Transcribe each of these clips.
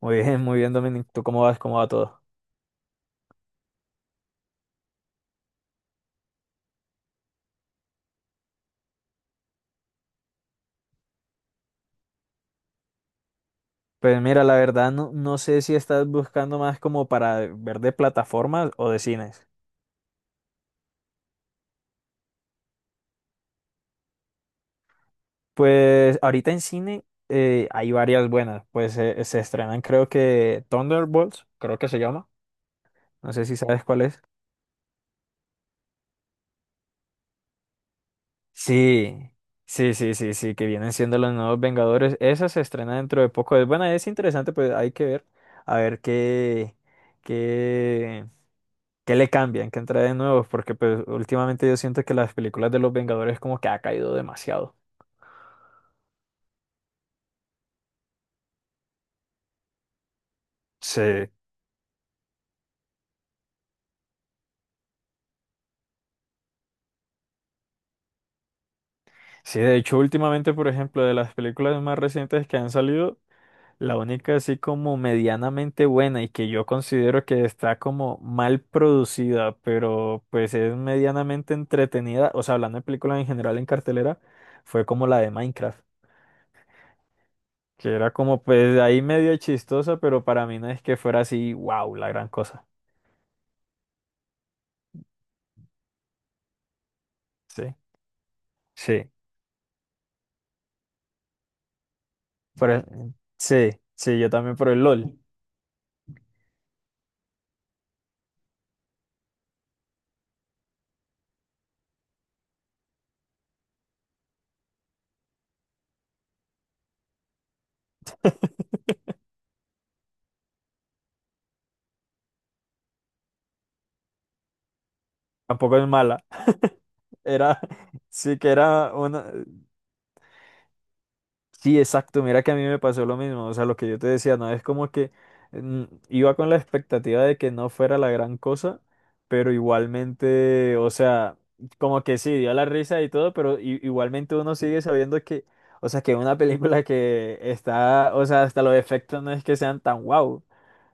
Muy bien, Dominic. ¿Tú cómo vas? ¿Cómo va todo? Pues mira, la verdad no sé si estás buscando más como para ver de plataformas o de cines. Pues ahorita en cine hay varias buenas. Pues se estrenan creo que Thunderbolts, creo que se llama. No sé si sabes cuál es. Sí, sí, sí, sí, sí, que vienen siendo los nuevos Vengadores. Esa se estrena dentro de poco. Es buena, es interesante, pues hay que ver. A ver qué, que le cambian, que de nuevos, porque pues últimamente yo siento que las películas de los Vengadores como que ha caído demasiado. Sí, sí, de hecho últimamente, por ejemplo, de las películas más recientes que han salido, la única así como medianamente buena y que yo considero que está como mal producida, pero pues es medianamente entretenida, o sea, hablando de películas en general en cartelera, fue como la de Minecraft, que era como pues ahí medio chistosa, pero para mí no es que fuera así, wow, la gran cosa. Sí. Sí. Por el- sí, sí, yo también por el LOL. Tampoco es mala. Era, sí que era una... Sí, exacto, mira que a mí me pasó lo mismo. O sea, lo que yo te decía, no es como que mm, iba con la expectativa de que no fuera la gran cosa, pero igualmente, o sea, como que sí, dio la risa y todo, pero igualmente uno sigue sabiendo que, o sea, que una película que está, o sea, hasta los efectos no es que sean tan guau.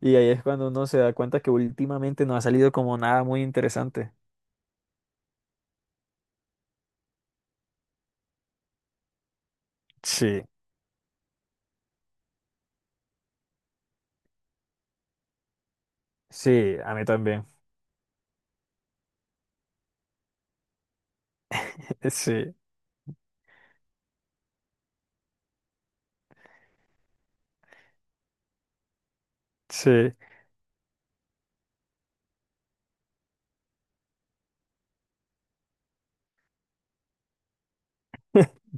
Y ahí es cuando uno se da cuenta que últimamente no ha salido como nada muy interesante. Sí. Sí, a mí también. Sí, sí.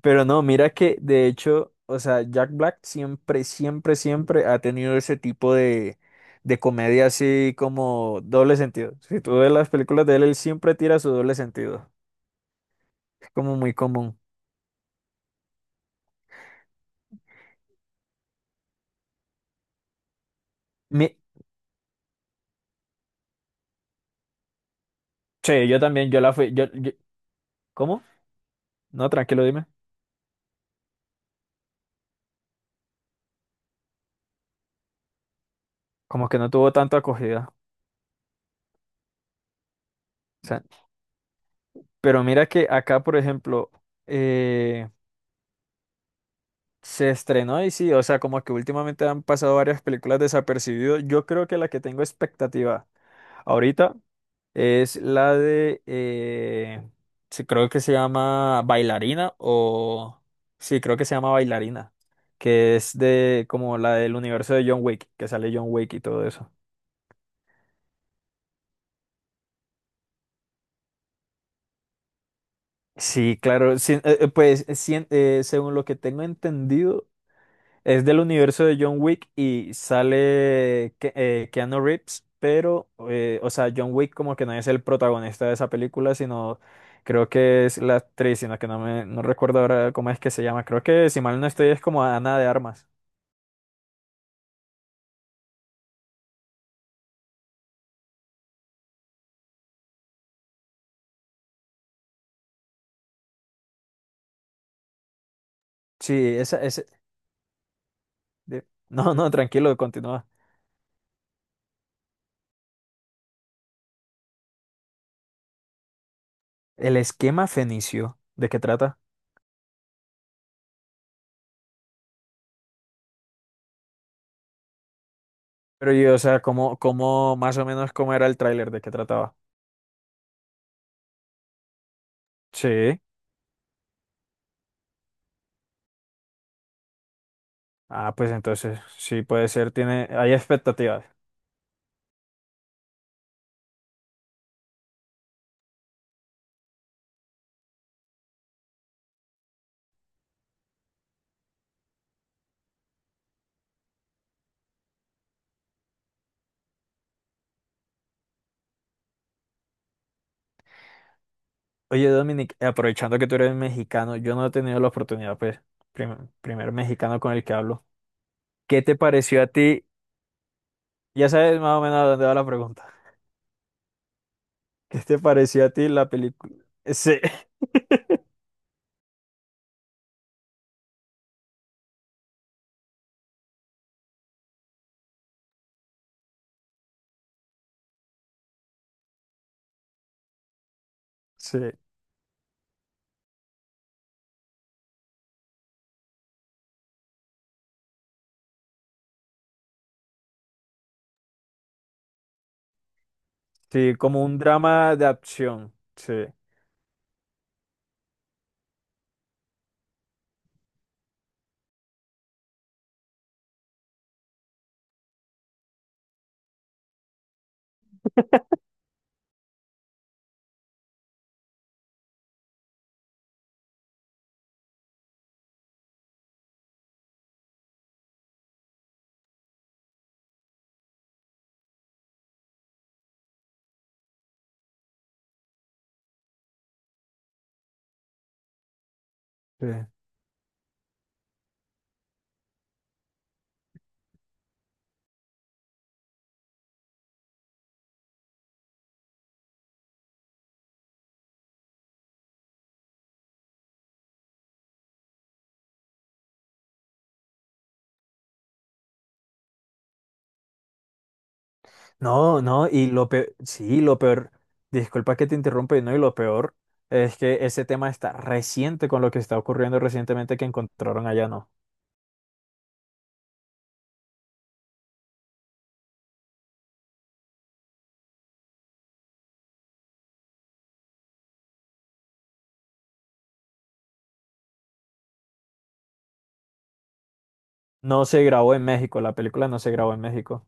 Pero no, mira que de hecho, o sea, Jack Black siempre, siempre, siempre ha tenido ese tipo de comedia así como doble sentido. Si tú ves las películas de él, él siempre tira su doble sentido. Es como muy común. Mi- sí, yo también, yo la fui. ¿Cómo? No, tranquilo, dime. Como que no tuvo tanta acogida. Pero mira que acá, por ejemplo, eh, se estrenó y sí, o sea, como que últimamente han pasado varias películas desapercibidas. Yo creo que la que tengo expectativa ahorita es la de sí, creo que se llama Bailarina o, sí, creo que se llama Bailarina, que es de como la del universo de John Wick, que sale John Wick y todo eso. Sí, claro, sí, pues sí, según lo que tengo entendido. Es del universo de John Wick y sale Keanu Reeves, pero, o sea, John Wick como que no es el protagonista de esa película, sino creo que es la actriz, sino que no recuerdo ahora cómo es que se llama. Creo que si mal no estoy es como Ana de Armas. Sí, esa, ese, no, no, tranquilo, continúa. El esquema fenicio, ¿de qué trata? Pero yo, o sea, cómo, cómo, más o menos cómo era el tráiler, de qué trataba. Sí. Ah, pues entonces, sí puede ser, tiene, hay expectativas. Oye, Dominic, aprovechando que tú eres mexicano, yo no he tenido la oportunidad, pues, primer mexicano con el que hablo. ¿Qué te pareció a ti? Ya sabes más o menos a dónde va la pregunta. ¿Qué te pareció a ti la película? Sí, sí, sí, como un drama de acción. Sí, sí. No, no, y lo peor, sí, lo peor, disculpa que te interrumpa, y no, y lo peor es que ese tema está reciente con lo que está ocurriendo recientemente que encontraron allá, ¿no? No se grabó en México, la película no se grabó en México.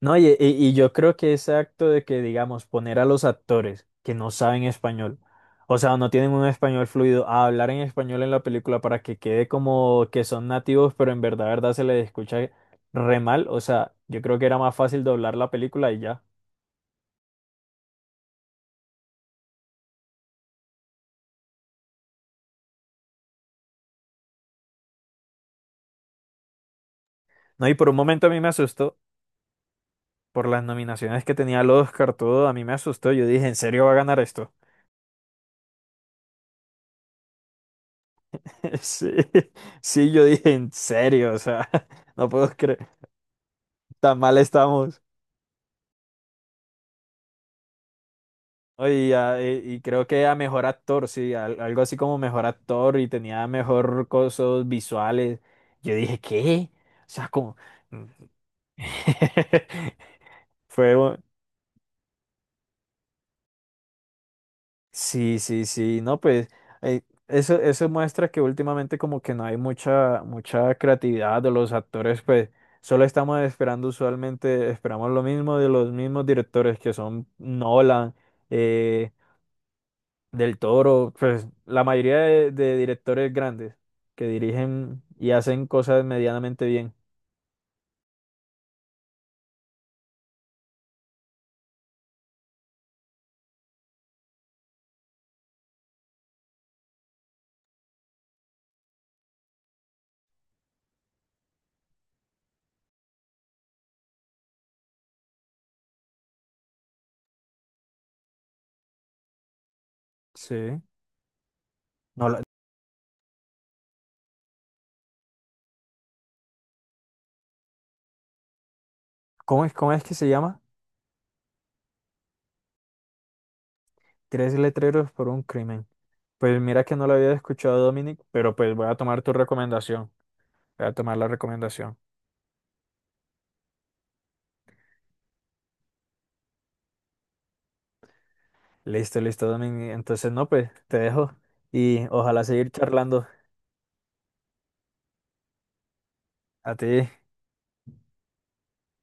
No, y yo creo que ese acto de que, digamos, poner a los actores que no saben español, o sea, no tienen un español fluido, a hablar en español en la película para que quede como que son nativos, pero en verdad, verdad se les escucha re mal, o sea, yo creo que era más fácil doblar la película y ya. No, y por un momento a mí me asustó por las nominaciones que tenía el Oscar, todo, a mí me asustó, yo dije, ¿en serio va a ganar esto? Sí, sí, yo dije, ¿en serio? O sea, no puedo creer, tan mal estamos. ¿No? Y, y creo que a mejor actor, sí, algo así como mejor actor y tenía mejor cosas visuales. Yo dije, ¿qué? O sea, como... Fue... Sí, sí, sí, no, pues eh, eso, eso muestra que últimamente como que no hay mucha, mucha creatividad de los actores, pues solo estamos esperando usualmente, esperamos lo mismo de los mismos directores que son Nolan. eh, Del Toro, pues la mayoría de directores grandes que dirigen y hacen cosas medianamente bien. Sí. No, la- cómo es que se llama? Tres letreros por un crimen. Pues mira que no lo había escuchado, Dominic, pero pues voy a tomar tu recomendación. Voy a tomar la recomendación. Listo, listo, Dominic. Entonces, no, pues te dejo y ojalá seguir charlando. A ti.